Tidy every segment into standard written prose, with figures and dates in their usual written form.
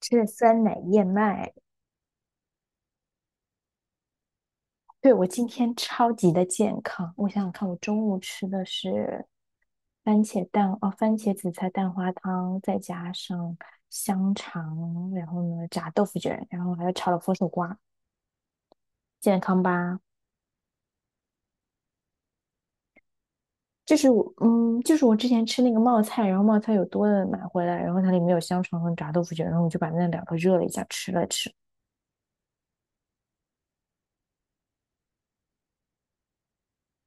吃了酸奶燕麦。对，我今天超级的健康，我想想看，我中午吃的是番茄蛋哦，番茄紫菜蛋花汤，再加上香肠，然后呢炸豆腐卷，然后还有炒了佛手瓜，健康吧？就是我嗯，就是我之前吃那个冒菜，然后冒菜有多的买回来，然后它里面有香肠和炸豆腐卷，然后我就把那两个热了一下吃了吃。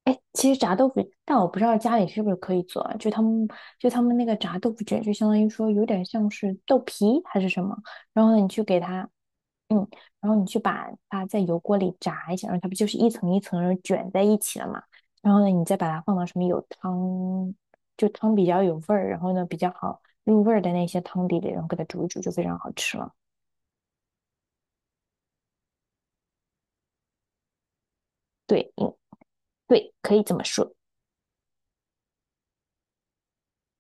哎，其实炸豆腐，但我不知道家里是不是可以做啊就他们那个炸豆腐卷，就相当于说有点像是豆皮还是什么，然后呢，你去给它，嗯，然后你去把它在油锅里炸一下，然后它不就是一层一层的卷在一起了嘛？然后呢，你再把它放到什么有汤，就汤比较有味儿，然后呢比较好入味儿的那些汤底里，然后给它煮一煮，就非常好吃了。对，嗯，对，可以这么说。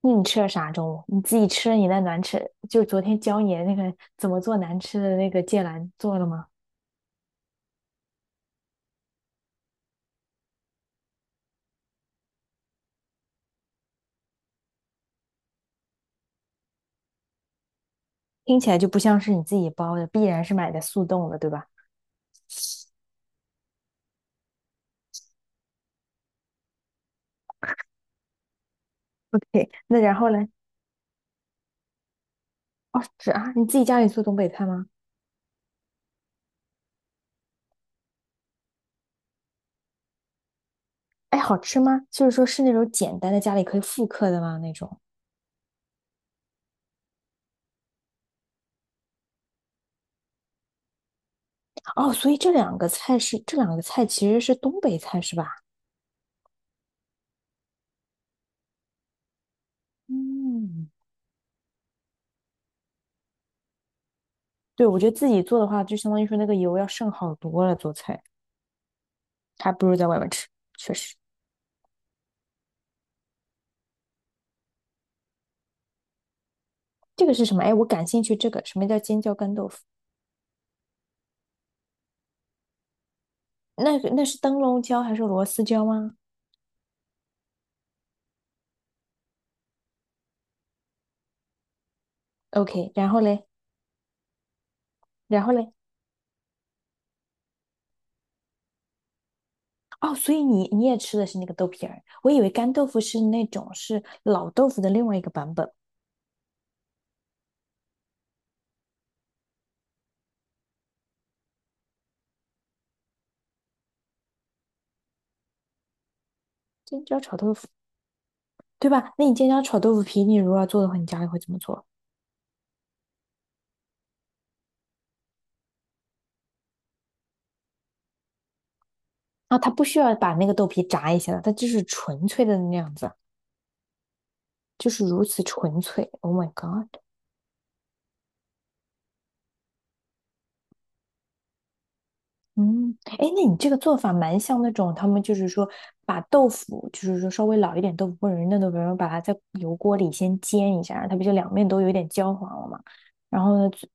那你吃了啥中午？你自己吃了你那难吃，就昨天教你的那个怎么做难吃的那个芥蓝做了吗？听起来就不像是你自己包的，必然是买的速冻的，对吧？OK，那然后呢？哦，是啊，你自己家里做东北菜吗？哎，好吃吗？就是说是那种简单的家里可以复刻的吗？那种？哦，所以这两个菜其实是东北菜是吧？嗯，对，我觉得自己做的话，就相当于说那个油要剩好多了，做菜还不如在外面吃，确实。这个是什么？哎，我感兴趣。这个什么叫尖椒干豆腐？那个那是灯笼椒还是螺丝椒吗？OK，然后嘞，然后嘞，哦，所以你也吃的是那个豆皮儿，我以为干豆腐是那种是老豆腐的另外一个版本，尖椒炒豆腐，对吧？那你尖椒炒豆腐皮，你如果要做的话，你家里会怎么做？啊，它不需要把那个豆皮炸一下的，它就是纯粹的那样子，就是如此纯粹。Oh my god！嗯，哎，那你这个做法蛮像那种，他们就是说把豆腐，就是说稍微老一点豆腐或者是嫩豆腐，然后把它在油锅里先煎一下，它不就两面都有点焦黄了嘛？然后呢，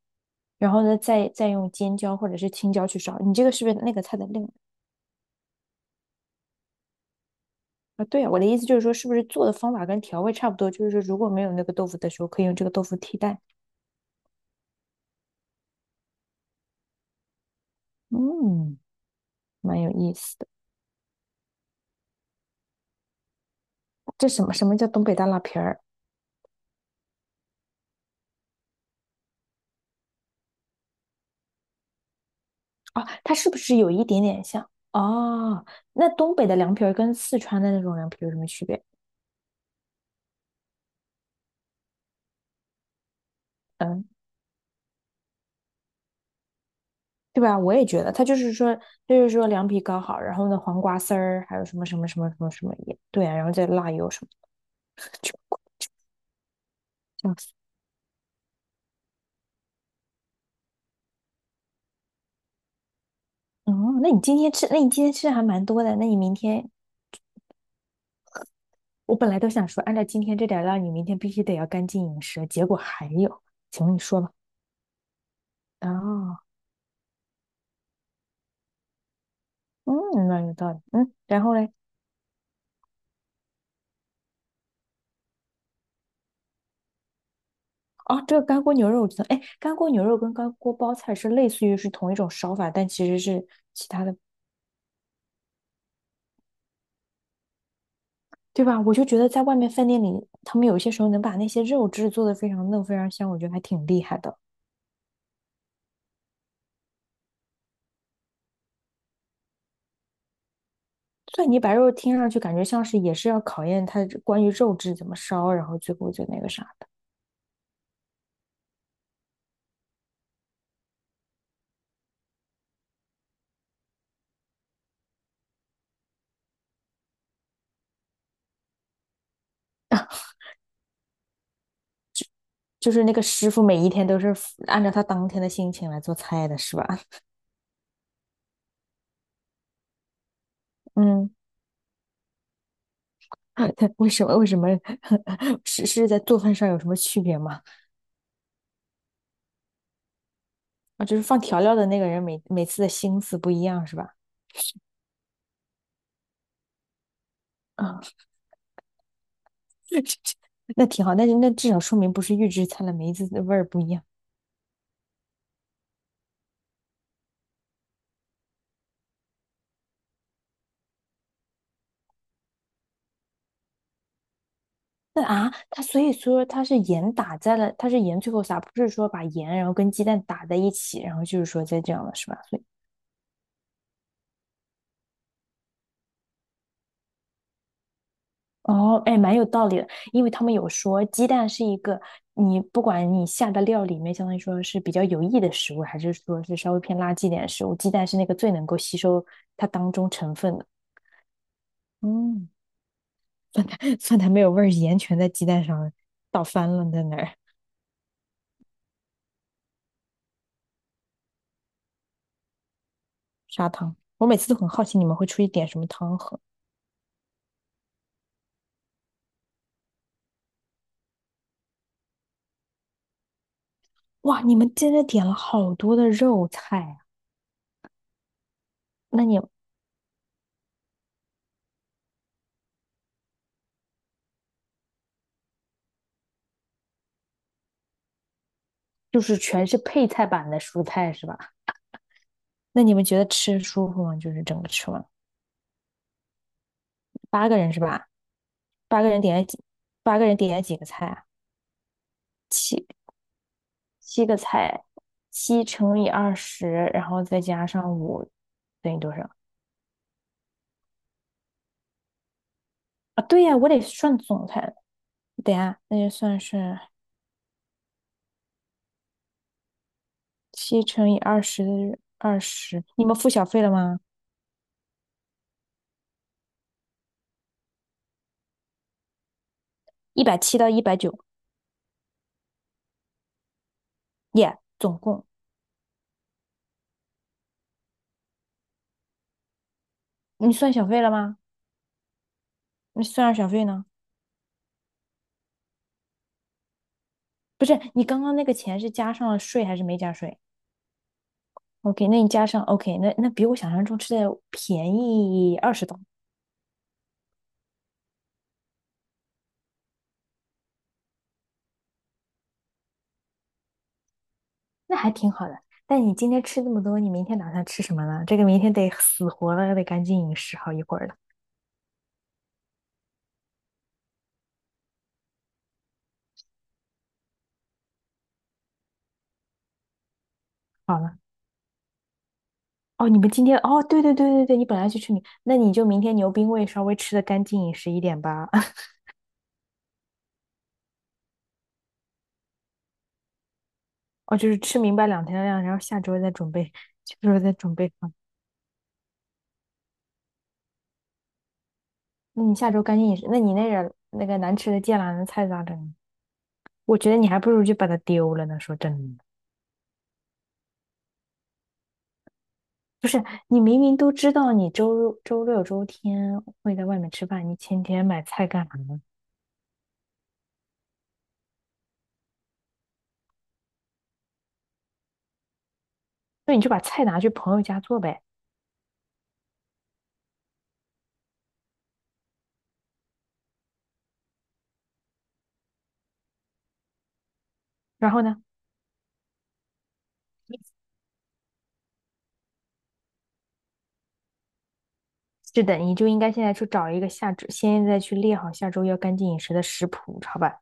然后呢，再用尖椒或者是青椒去烧。你这个是不是那个菜的啊？对啊，我的意思就是说，是不是做的方法跟调味差不多？就是说，如果没有那个豆腐的时候，可以用这个豆腐替代。嗯，蛮有意思的。这什么叫东北大辣皮儿？哦，它是不是有一点点像？哦，那东北的凉皮儿跟四川的那种凉皮有什么区别？嗯，对吧？我也觉得，它就是说凉皮搞好，然后呢，黄瓜丝儿，还有什么什么什么什么什么也对啊，然后再辣油什么的，就这样子。哦，那你今天吃的还蛮多的，那你明天，我本来都想说，按照今天这点儿量你明天必须得要干净饮食，结果还有，请问你说吧。啊，嗯，那有道理，嗯，然后嘞？哦，这个干锅牛肉我知道，哎，干锅牛肉跟干锅包菜是类似于是同一种烧法，但其实是其他的，对吧？我就觉得在外面饭店里，他们有些时候能把那些肉质做得非常嫩、非常香，我觉得还挺厉害的。蒜泥白肉听上去感觉像是也是要考验它关于肉质怎么烧，然后最后就那个啥的，就是那个师傅每一天都是按照他当天的心情来做菜的，是吧？嗯，为什么 是在做饭上有什么区别吗？啊，就是放调料的那个人每次的心思不一样，是吧？啊，那挺好，但是那至少说明不是预制菜了，每一次的味儿不一样。那啊，它所以说它是盐打在了，它是盐最后撒，不是说把盐然后跟鸡蛋打在一起，然后就是说再这样了，是吧？所以哦，哎，蛮有道理的，因为他们有说鸡蛋是一个你不管你下的料里面，相当于说是比较有益的食物，还是说是稍微偏垃圾一点的食物，鸡蛋是那个最能够吸收它当中成分的。嗯。饭苔没有味儿，盐全在鸡蛋上倒翻了，在那儿砂糖。我每次都很好奇你们会出去点什么汤喝。哇，你们真的点了好多的肉菜啊！那你就是全是配菜版的蔬菜是吧？那你们觉得吃舒服吗？就是整个吃完，八个人是吧？八个人点了几？八个人点了几个菜啊？七七个菜，七乘以二十，然后再加上五，等于多少啊？对呀，我得算总菜。等一下，那就算是七乘以二十，二十，你们付小费了吗？170到190，耶，总共。你算小费了吗？你算上小费呢？不是，你刚刚那个钱是加上了税还是没加税？OK，那你加上 OK，那比我想象中吃的便宜20刀，那还挺好的。但你今天吃这么多，你明天打算吃什么呢？这个明天得死活了，得赶紧饮食好一会儿了。好了，哦，你们今天哦，对对对对对，你本来去吃米，那你就明天牛冰味稍微吃的干净饮食一点吧。哦，就是吃明白2天的量，然后下周再准备啊。那你下周干净饮食，那你那个难吃的芥蓝的菜咋整？我觉得你还不如就把它丢了呢。说真的，不是你明明都知道你周六周天会在外面吃饭，你前天买菜干嘛呢？那你就把菜拿去朋友家做呗。然后呢，是的，你就应该现在去找一个下周，现在去列好下周要干净饮食的食谱，好吧？